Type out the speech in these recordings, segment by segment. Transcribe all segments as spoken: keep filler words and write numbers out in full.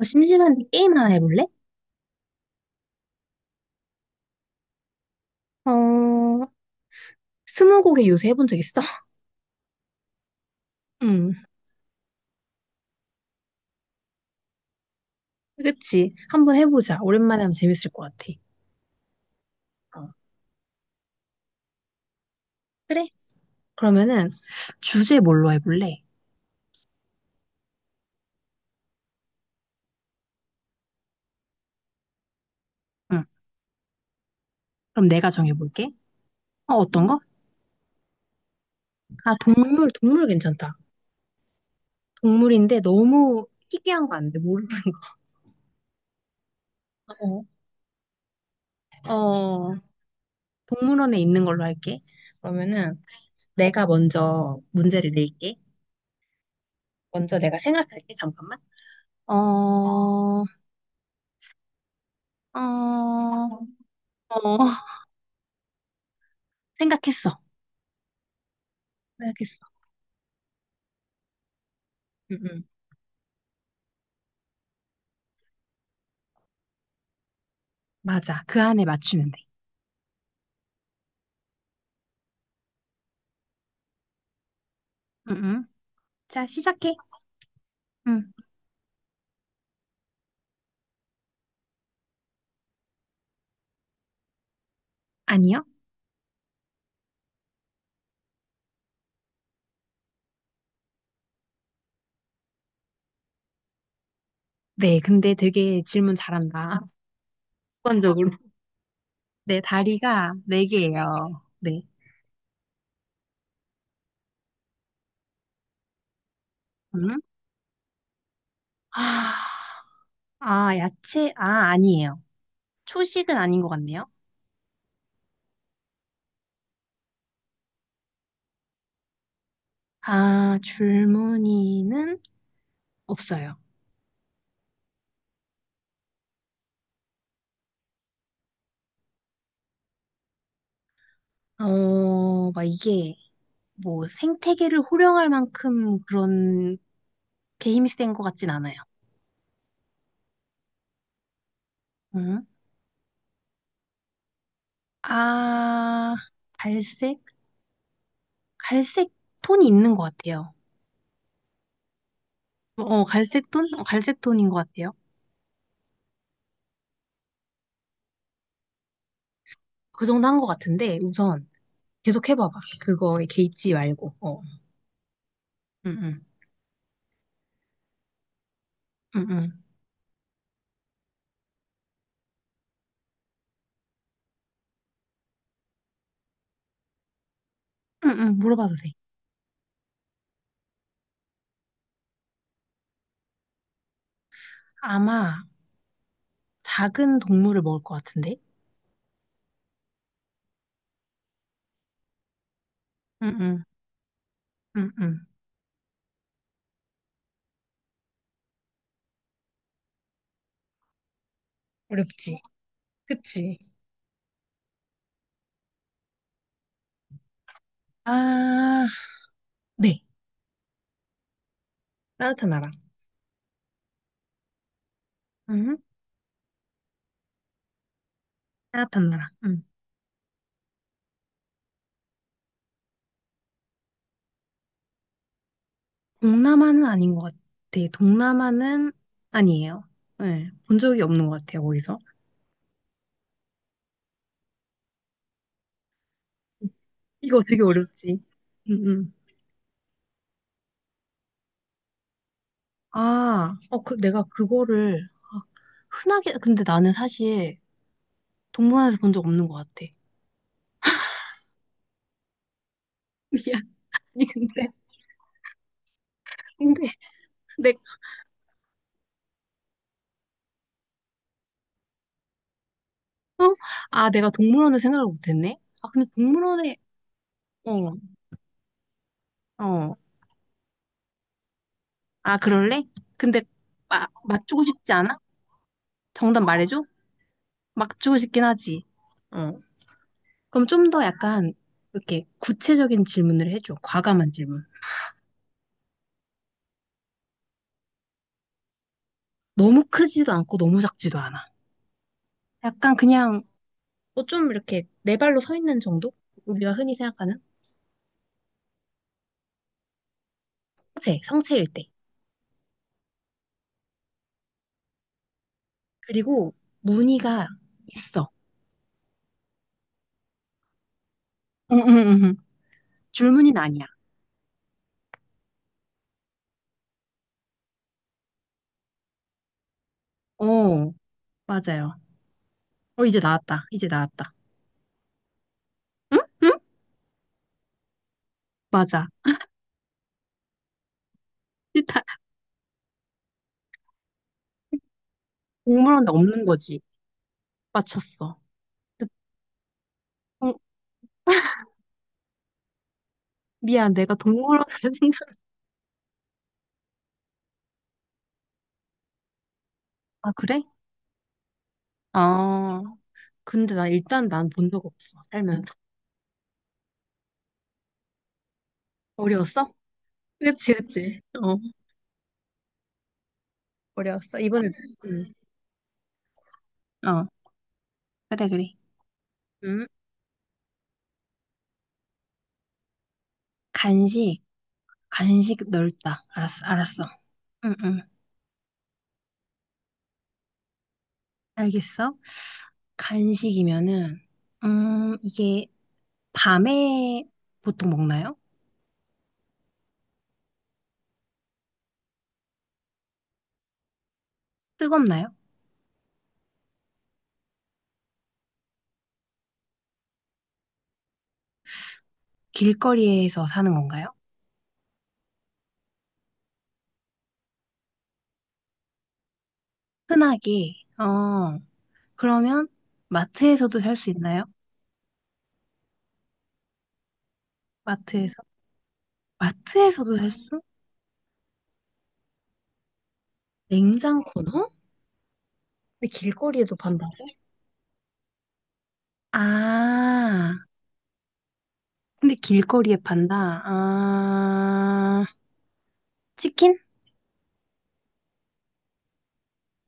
어, 심심한데 게임 하나 해볼래? 어, 스무고개 요새 해본 적 있어? 응, 그치. 한번 해보자. 오랜만에 하면 재밌을 것 같아. 어, 그래. 그러면은 주제 뭘로 해볼래? 응, 그럼 내가 정해볼게. 어, 어떤 거? 아, 동물, 동물 괜찮다. 동물인데 너무 희귀한 거 안 돼. 모르 어, 어, 동물원에 있는 걸로 할게. 그러면은 내가 먼저 문제를 낼게. 먼저 내가 생각할게. 잠깐만. 어, 어, 어. 생각했어. 생각했어. 응, 응. 맞아. 그 안에 맞추면 돼. 응, 응. 자, 시작해. 응. 아니요? 네, 근데 되게 질문 잘한다. 습관적으로. 네, 다리가 네 개예요. 네. 응? 아, 아, 야채? 아, 아니에요. 초식은 아닌 것 같네요. 아, 줄무늬는 없어요. 어, 막 이게 뭐 생태계를 호령할 만큼 그런 게 힘이 센 것 같진 않아요. 응? 아, 갈색? 갈색 톤이 있는 것 같아요. 어, 갈색 톤? 어, 갈색 톤인 것 같아요. 그 정도 한 것 같은데, 우선 계속 해봐봐. 그거에 개의치 말고. 어, 응, 응, 응, 응, 응, 응, 물어봐도 돼. 아마 작은 동물을 먹을 것 같은데? 응, 응, 응, 응. 어렵지. 그치? 아, 네. 따뜻한 나라. 응? 응. 따뜻한 나라. 응. 동남아는 아닌 것 같아. 동남아는 아니에요. 네, 본 적이 없는 것 같아요, 거기서. 이거 되게 어렵지. 응, 응. 아, 어, 그, 내가 그거를, 아, 흔하게, 근데 나는 사실 동물원에서 본 적 없는 것 같아. 미안. 아니, 근데, 근데, 내 어? 아, 내가 동물원을 생각을 못했네? 아, 근데 동물원에, 어, 어. 아, 그럴래? 근데, 마, 맞추고 싶지 않아? 정답 말해줘? 맞추고 싶긴 하지. 어. 그럼 좀 더 약간, 이렇게 구체적인 질문을 해줘. 과감한 질문. 너무 크지도 않고 너무 작지도 않아. 약간 그냥 뭐 좀 이렇게 네 발로 서 있는 정도? 우리가 흔히 생각하는 성체, 성체일 때. 그리고 무늬가 있어. 응, 응, 응. 응. 줄무늬는 아니야. 어, 맞아요. 어, 이제 나왔다. 이제 나왔다. 응? 응? 맞아. 일단 동물원에 없는 거지. 맞췄어. 근데 동- 미안, 내가 동물원을 생각. 아, 그래? 아, 근데 나 일단 난 본 적 없어. 살면서. 어려웠어? 그치, 그치. 어, 어려웠어. 이번에. 응. 어, 그래, 그래. 음. 간식, 간식 넓다. 알았어, 알았어. 응, 응. 알겠어. 간식이면은, 음, 이게 밤에 보통 먹나요? 뜨겁나요? 길거리에서 사는 건가요? 흔하게, 어, 그러면 마트에서도 살 수 있나요? 마트에서? 마트에서도 살 수? 냉장 코너? 근데 길거리에도 판다고? 아, 근데 길거리에 판다. 아, 치킨?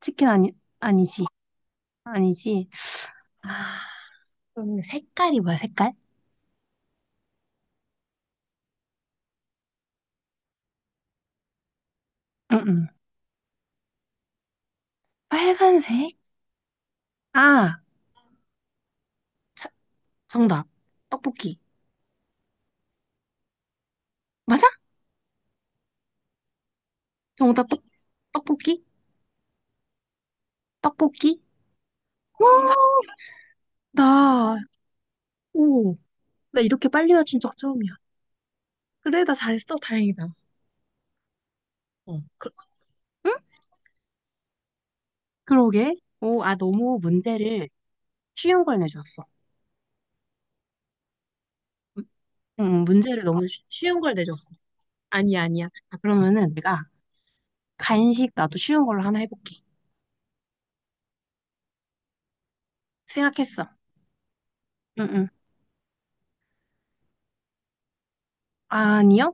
치킨 아니, 아니지. 아니지. 아, 그럼 색깔이 뭐야, 색깔? 응응. 빨간색? 아, 자, 정답. 떡볶이. 맞아? 정답, 떡, 떡볶이? 떡볶이? 와, 나, 오, 나 이렇게 빨리 맞춘 적 처음이야. 그래, 나 잘했어. 다행이다. 어, 그, 응? 그러게. 오, 아, 너무 문제를 쉬운 걸 내줬어. 음, 음, 문제를 너무 쉬, 쉬운 걸 내줬어. 아니야, 아니야. 아, 그러면은 내가 간식 나도 쉬운 걸로 하나 해볼게. 생각했어. 응, 응. 아니요?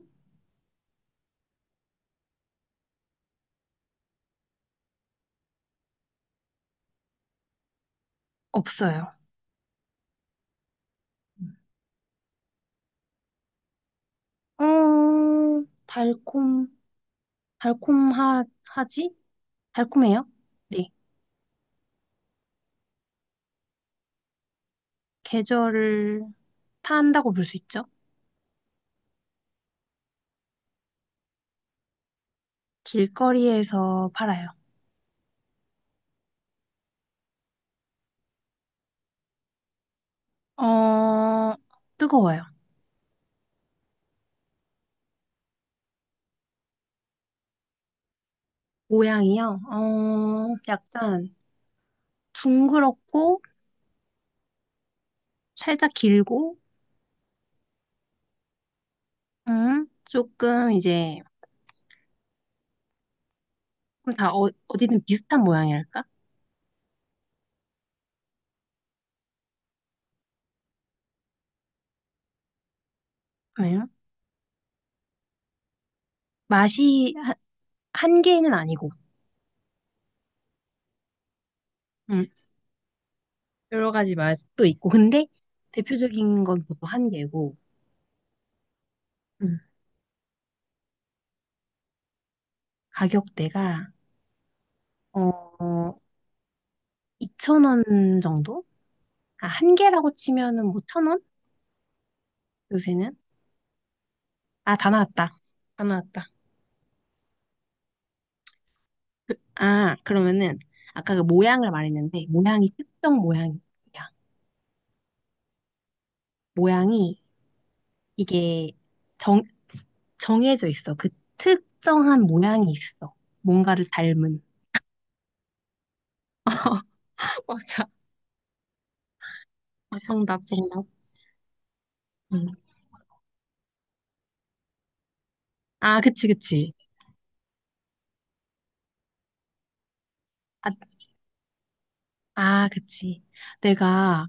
없어요. 어, 달콤, 달콤하, 하지? 달콤해요? 네. 계절을 탄다고 볼 수 있죠? 길거리에서 팔아요. 어, 뜨거워요. 모양이요? 어, 약간 둥그렇고, 살짝 길고, 음, 조금 이제, 그럼 다 어, 어디든 비슷한 모양이랄까? 음, 맛이 한, 한 개는 아니고, 음. 여러 가지 맛도 있고 근데 대표적인 건 보통 한 개고 음. 가격대가 어 이천 원 정도? 아, 한 개라고 치면은 뭐 천 원? 요새는? 아, 다 나왔다. 다 나왔다. 아, 그러면은 아까 그 모양을 말했는데 모양이 특정 모양이야. 모양이 이게 정 정해져 있어. 그 특정한 모양이 있어. 뭔가를 닮은. 맞아. 아, 정답, 정답. 응. 아, 그치, 그치. 아, 아, 그치. 내가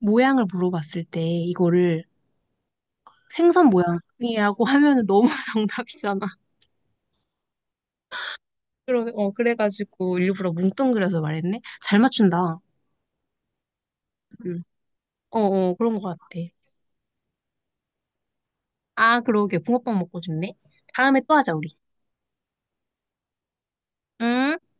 모양을 물어봤을 때 이거를 생선 모양이라고 하면은 너무 정답이잖아. 그러, 어, 그래가지고 일부러 뭉뚱그려서 말했네. 잘 맞춘다. 응. 어, 어, 그런 것 같아. 아, 그러게. 붕어빵 먹고 싶네. 다음에 또 하자, 우리. 응?